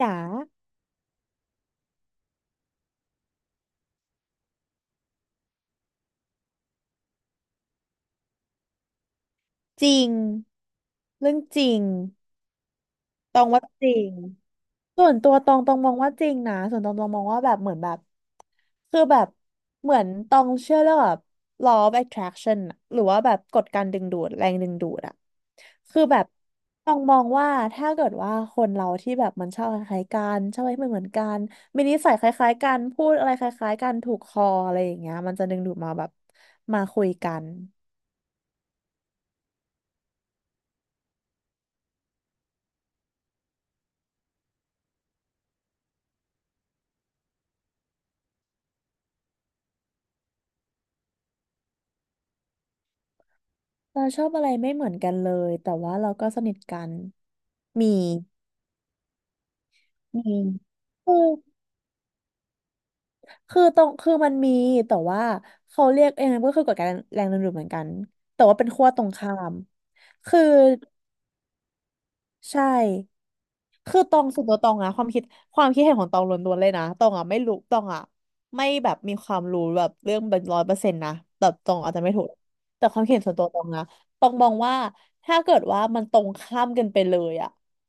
จ๋าจริงเรื่องจริงตองว่าจริงส่วนตัวตองมองว่าจริงนะส่วนตองมองว่าแบบเหมือนแบบคือแบบเหมือนตองเชื่อเรื่องแบบ law of attraction อะหรือว่าแบบกฎการดึงดูดแรงดึงดูดอะคือแบบตองมองว่าถ้าเกิดว่าคนเราที่แบบมันชอบคล้ายๆกันชอบอะไรที่มันเหมือนๆกันมีนิสัยคล้ายๆกันพูดอะไรคล้ายๆกันถูกคออะไรอย่างเงี้ยมันจะดึงดูดมาแบบมาคุยกัน เราชอบอะไรไม่เหมือนกันเลย แต่ว่าเราก็สนิทกัน มีมีคือคือตรงคือมันมี แต่ว่าเขาเรียกเองก็คือกฎการแรงดึงดูดเหมือนกัน แต่ว่าเป็นขั้วตรงข้าม คือ ใช่ คือตองส่วนตัวตองอะความคิดความคิดเห็นของตองล้วนๆเลยนะตองอะไม่รู้ตองอะไม่แบบมีความรู้แบบเรื่องเป็นร้อยเปอร์เซ็นต์นะแต่ตองอาจจะไม่ถูกแต่ความคิดเห็นส่วนตัวตองนะตองมองว่าถ้าเกิดว่ามันตรงข้ามกันไปเลยอะ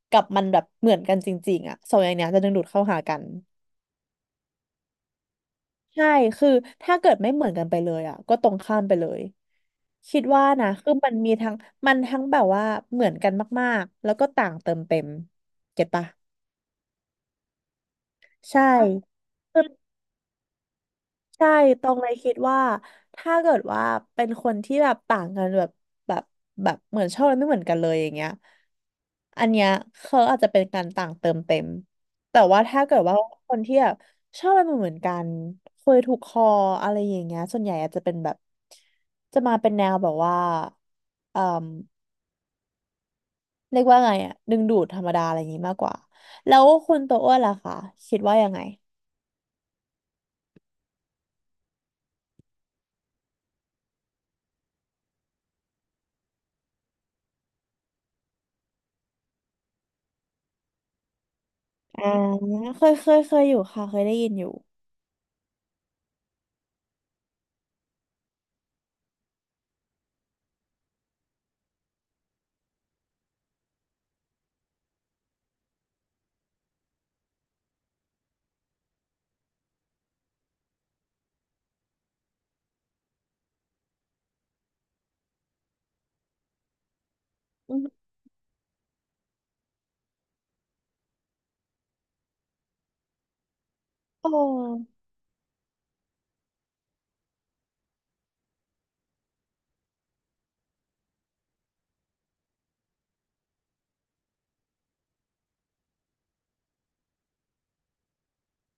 กับมันแบบเหมือนกันจริงๆอะสองอย่างเนี้ยจะดึงดูดเข้าหากันใช่คือถ้าเกิดไม่เหมือนกันไปเลยอะก็ตรงข้ามไปเลยคิดว่านะคือมันทั้งแบบว่าเหมือนกันมากๆแล้วก็ต่างเติมเต็มเก็ตปะใช่ ใช่ตรงเลยคิดว่าถ้าเกิดว่าเป็นคนที่แบบต่างกันแบบแบบเหมือนชอบอะไรไม่เหมือนกันเลยอย่างเงี้ยอันเนี้ยเขาอาจจะเป็นการต่างเติมเต็มแต่ว่าถ้าเกิดว่าคนที่แบบชอบอะไรเหมือนๆกันคุยถูกคออะไรอย่างเงี้ยส่วนใหญ่อาจจะเป็นแบบจะมาเป็นแนวแบบว่าเอ่อเรียกว่าไงอะดึงดูดธรรมดาอะไรอย่างงี้มากกว่าแล้วคุณตัวอ้วนล่ะคะคิดว่ายังไงอ่าเคยอยู่ค่ะเคยได้ยินอยู่ โอ้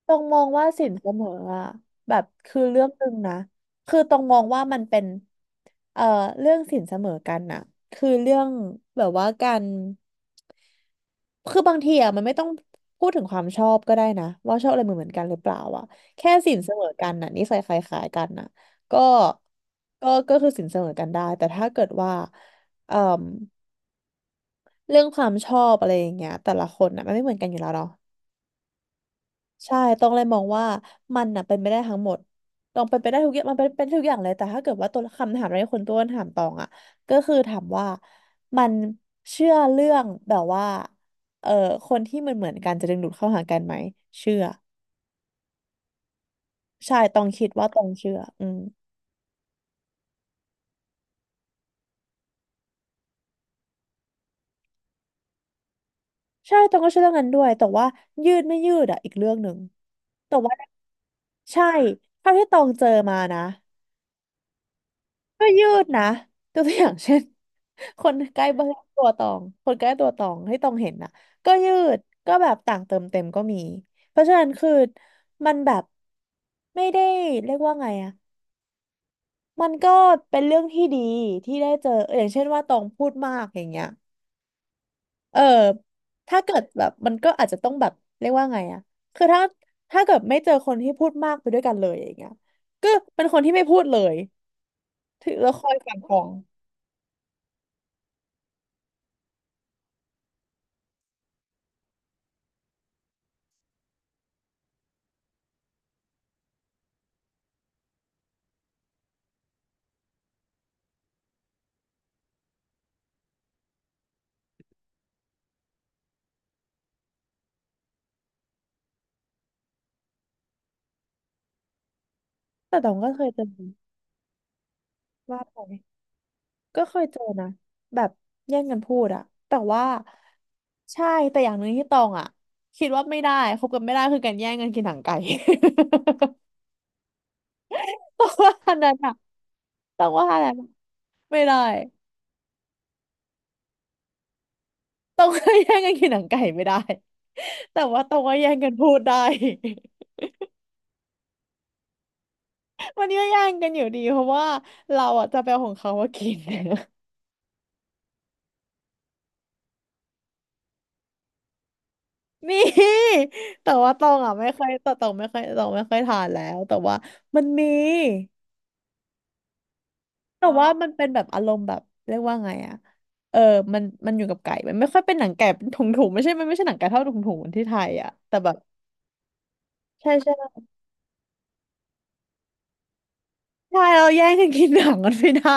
ตรงมองว่าสินเสมออะแบบคือเรื่องหนึ่งนะคือตรงมองว่ามันเป็นเอ่อเรื่องสินเสมอกันน่ะคือเรื่องแบบว่าการคือบางทีอะมันไม่ต้องพูดถึงความชอบก็ได้นะว่าชอบอะไรเหมือนกันหรือเปล่าอะแค่สินเสมอกันน่ะนิสัยคล้ายๆกันน่ะก็ก็คือสินเสมอกันได้แต่ถ้าเกิดว่าเอ่อเรื่องความชอบอะไรอย่างเงี้ยแต่ละคนน่ะมันไม่เหมือนกันอยู่แล้วเนาะ ใช่ต้องเลยมองว่ามันน่ะเป็นไปได้ทั้งหมด ต้องเป็นไปได้ทุกอย่างมันเป็นทุกอย่างเลยแต่ถ้าเกิดว่าตัวคำถามในคนต้นถามตองอ่ะก็คือถามว่ามันเชื่อเรื่องแบบว่าเอ่อคนที่มันเหมือนๆกันจะดึงดูดเข้าหากันไหมเชื่อใช่ ต้องคิดว่าตองเชื่ออืมใช่ตองก็เชื่อเรื่องนั้นด้วย แต่ว่ายืดไม่ยืดอ่ะอีกเรื่องหนึ่งแต่ว่าใช่เท่าที่ตองเจอมานะ ก็ยืดนะตัวอย่างเช่น คนใกล้บ้านตัวตองคนใกล้ตัวตองให้ตองเห็นน่ะก็ยืดก็แบบต่างเติมเต็มก็มีเพราะฉะนั้นคือมันแบบไม่ได้เรียกว่าไงอะมันก็เป็นเรื่องที่ดีที่ได้เจอเอออย่างเช่นว่าตองพูดมากอย่างเงี้ยเออถ้าเกิดแบบมันก็อาจจะต้องแบบเรียกว่าไงอะคือถ้าเกิดไม่เจอคนที่พูดมากไปด้วยกันเลยอย่างเงี้ยก็เป็นคนที่ไม่พูดเลยถือแล้วคอยฟังของแต่ตองก็เคยเจอ ว่าไปก็เคยเจอนะแบบแย่งกันพูดอะแต่ว่าใช่แต่อย่างหนึ่งที่ตองอะคิดว่าไม่ได้คบกันไม่ได้คือการแย่งกันกินหนังไก่ ต้องว่าอันนั้นอะต้องว่าอะไรนอะไม่ได้ต้องว่แย่งกันกินหนังไก่ไม่ได้แต่ว่าตองว่แย่งกันพูดได้ วันนี้ก็แย่งกันอยู่ดีเพราะว่าเราอะจะไปเอาของเขามากิน นี่แต่ว่าตองอ่ะไม่ค่อยแต่ตองไม่ค่อยตองไม่ค่อยทานแล้วแต่ว่ามันมี แต่ว่ามันเป็นแบบอารมณ์แบบเรียกว่าไงอะเออมันอยู่กับไก่มันไม่ค่อยเป็นหนังไก่เป็นถุงถุงไม่ใช่มันไม่ใช่หนังไก่เท่าถุงถุงเหมือนที่ไทยอะแต่แบบใช่ใช่เราแย่งกันกินหนังกันไม่ได้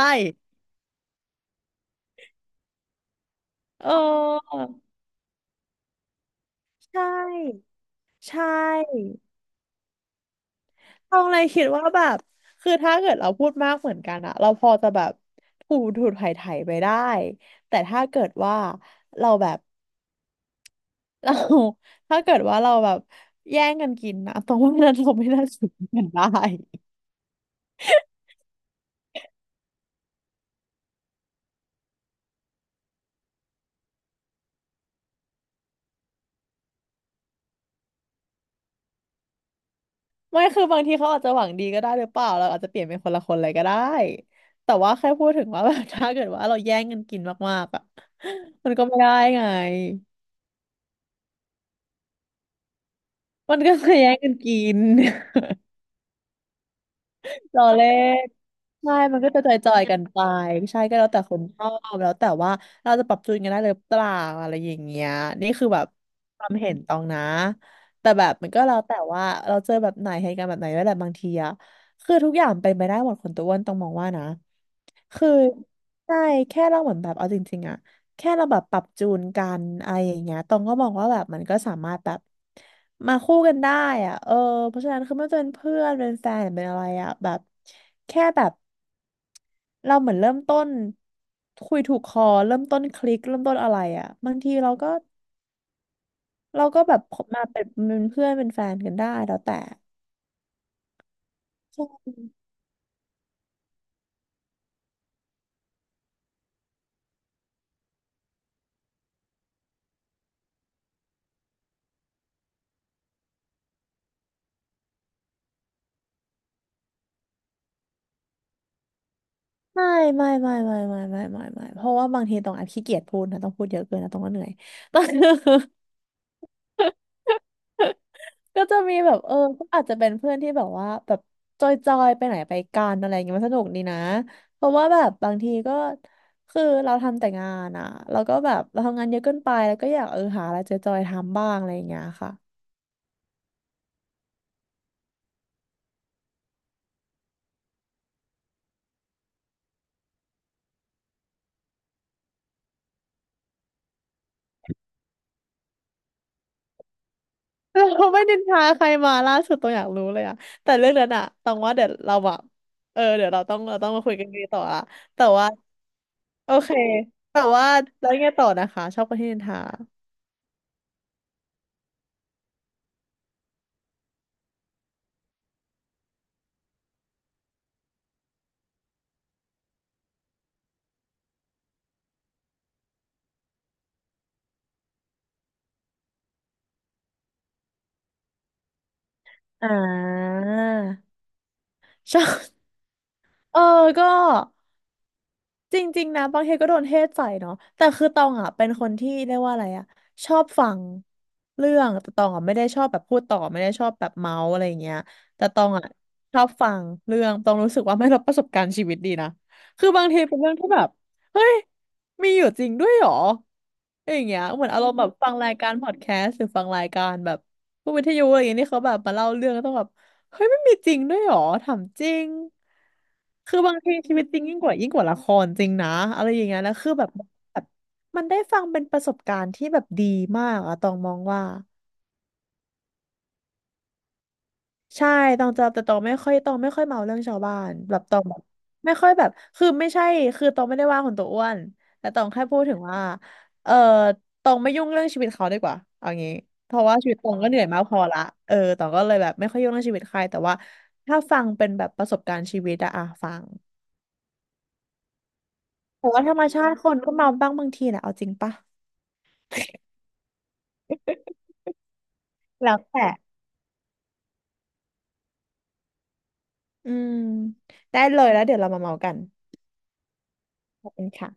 เออใช่ใช่ต้องเลยคิดว่าแบบคือถ้าเกิดเราพูดมากเหมือนกันอะเราพอจะแบบถูไถ่ไปได้แต่ถ้าเกิดว่าเราแบบ เรา ถ้าเกิดว่าเราแบบแย่งกันกินนะตรงว่านั้นเราไม่น่า ถึงกันได้ ไม่คือบางทีเขาอาจจะหวังดีก็ได้หรือเปล่าเราอาจจะเปลี่ยนเป็นคนละคนเลยก็ได้แต่ว่าแค่พูดถึงว่าแบบ ถ้าเกิดว่าเราแย่งกันกินมากๆอ่ะ มันก็ไม่ได้ไงมันก็จะแย่งกันกิน รอเล่นใช่มันก็จะจอยๆกันไปใช่ก็แล้วแต่คนชอบแล้วแต่ว่าเราจะปรับจูนกันได้หรือเปล่าอะไรอย่างเงี้ยนี่คือแบบความเห็นตองนะแต่แบบมันก็แล้วแต่ว่าเราเจอแบบไหนเหตุการณ์แบบไหนด้วยแหละบางทีอะคือทุกอย่างเป็นไปได้หมดคนตัวอ้วนต้องมองว่านะ คือใช่แค่เราเหมือนแบบเอาจริงๆอะแค่เราแบบปรับจูนกันอะไรอย่างเงี้ยตองก็มองว่าแบบมันก็สามารถแบบมาคู่กันได้อะเออเพราะฉะนั้นคือไม่ว่าจะเป็นเพื่อนเป็นแฟนหรือเป็นอะไรอะแบบแค่แบบเราเหมือนเริ่มต้นคุยถูกคอเริ่มต้นคลิกเริ่มต้นอะไรอะบางทีเราก็เราก็แบบมาเป็นเพื่อนเป็นแฟนกันได้แล้วแต่ ไม่ไม่ไม่ไม่ไม่ไม่ไม่ไม่ไม่เพราะว่าบางทีต้องอาจขี้เกียจพูดนะต้องพูดเยอะเกินนะต้องก็เหนื่อย ต้อง ก็จะมีแบบเออก็อาจจะเป็นเพื่อนที่แบบว่าแบบจอยจอยไปไหนไปกันอะไรอย่างเงี้ยมันสนุกดีนะเพราะว่าแบบบางทีก็คือเราทำแต่งานอ่ะแล้วก็แบบเราทำงานเยอะเกินไปแล้วก็อยากหาอะไรจอยจอยทำบ้างอะไรอย่างเงี้ยค่ะเราไม่นินทาใครมาล่าสุดต้องอยากรู้เลยอ่ะแต่เรื่องนั้นอะต้องว่าเดี๋ยวเราแบบเดี๋ยวเราต้องเราต้องมาคุยกันดีต่อละแต่ว่า โอเค แต่ว่าแล้วยังไงต่อนะคะชอบคนที่นินทาอ่าชอบ เออก็ จริงๆนะบางทีก็โดนเทศใส่เนาะแต่คือตองอ่ะเป็นคนที่เรียกว่าอะไรอ่ะชอบฟังเรื่องแต่ตองอ่ะไม่ได้ชอบแบบพูดต่อไม่ได้ชอบแบบเมาส์อะไรอย่างเงี้ยแต่ตองอ่ะชอบฟังเรื่องตองรู้สึกว่าไม่รับประสบการณ์ชีวิตดีนะคือบางทีเป็นเรื่องที่แบบเฮ้ยมีอยู่จริงด้วยเหรออย่างเงี้ยเหมือนอารมณ์แบบฟังรายการพอดแคสต์หรือฟังรายการแบบพวกวิทยุอะไรอย่างเงี้ยที่เขาแบบมาเล่าเรื่องแล้วต้องแบบ เฮ้ยไม่มีจริงด้วยเหรอถามจริงคือบางทีชีวิตจริงยิ่งกว่ายิ่งกว่าละครจริงนะอะไรอย่างเงี้ยแล้วคือแบบมันได้ฟังเป็นประสบการณ์ที่แบบดีมากอะตองมองว่า ใช่ตองจะแต่ตองไม่ค่อยเมาเรื่องชาวบ้านแบบตองแบบไม่ค่อยแบบคือไม่ใช่คือตองไม่ได้ว่าคนตัวอ้วนแต่ตองแค่พูดถึงว่าเออตองไม่ยุ่งเรื่องชีวิตเขาดีกว่าเอางี้เพราะว่าชีวิตตองก็เหนื่อยมากพอละเออตองก็เลยแบบไม่ค่อยยุ่งเรื่องชีวิตใครแต่ว่าถ้าฟังเป็นแบบประสบการณ์ชีวิตอะฟังแต่ว่าธรรมชาติคนก็เมาบ้างบางทีนะเอาจริงปะแล้วแต่อืมได้เลยแล้วเดี๋ยวเรามาเมากันขอบคุณค่ะ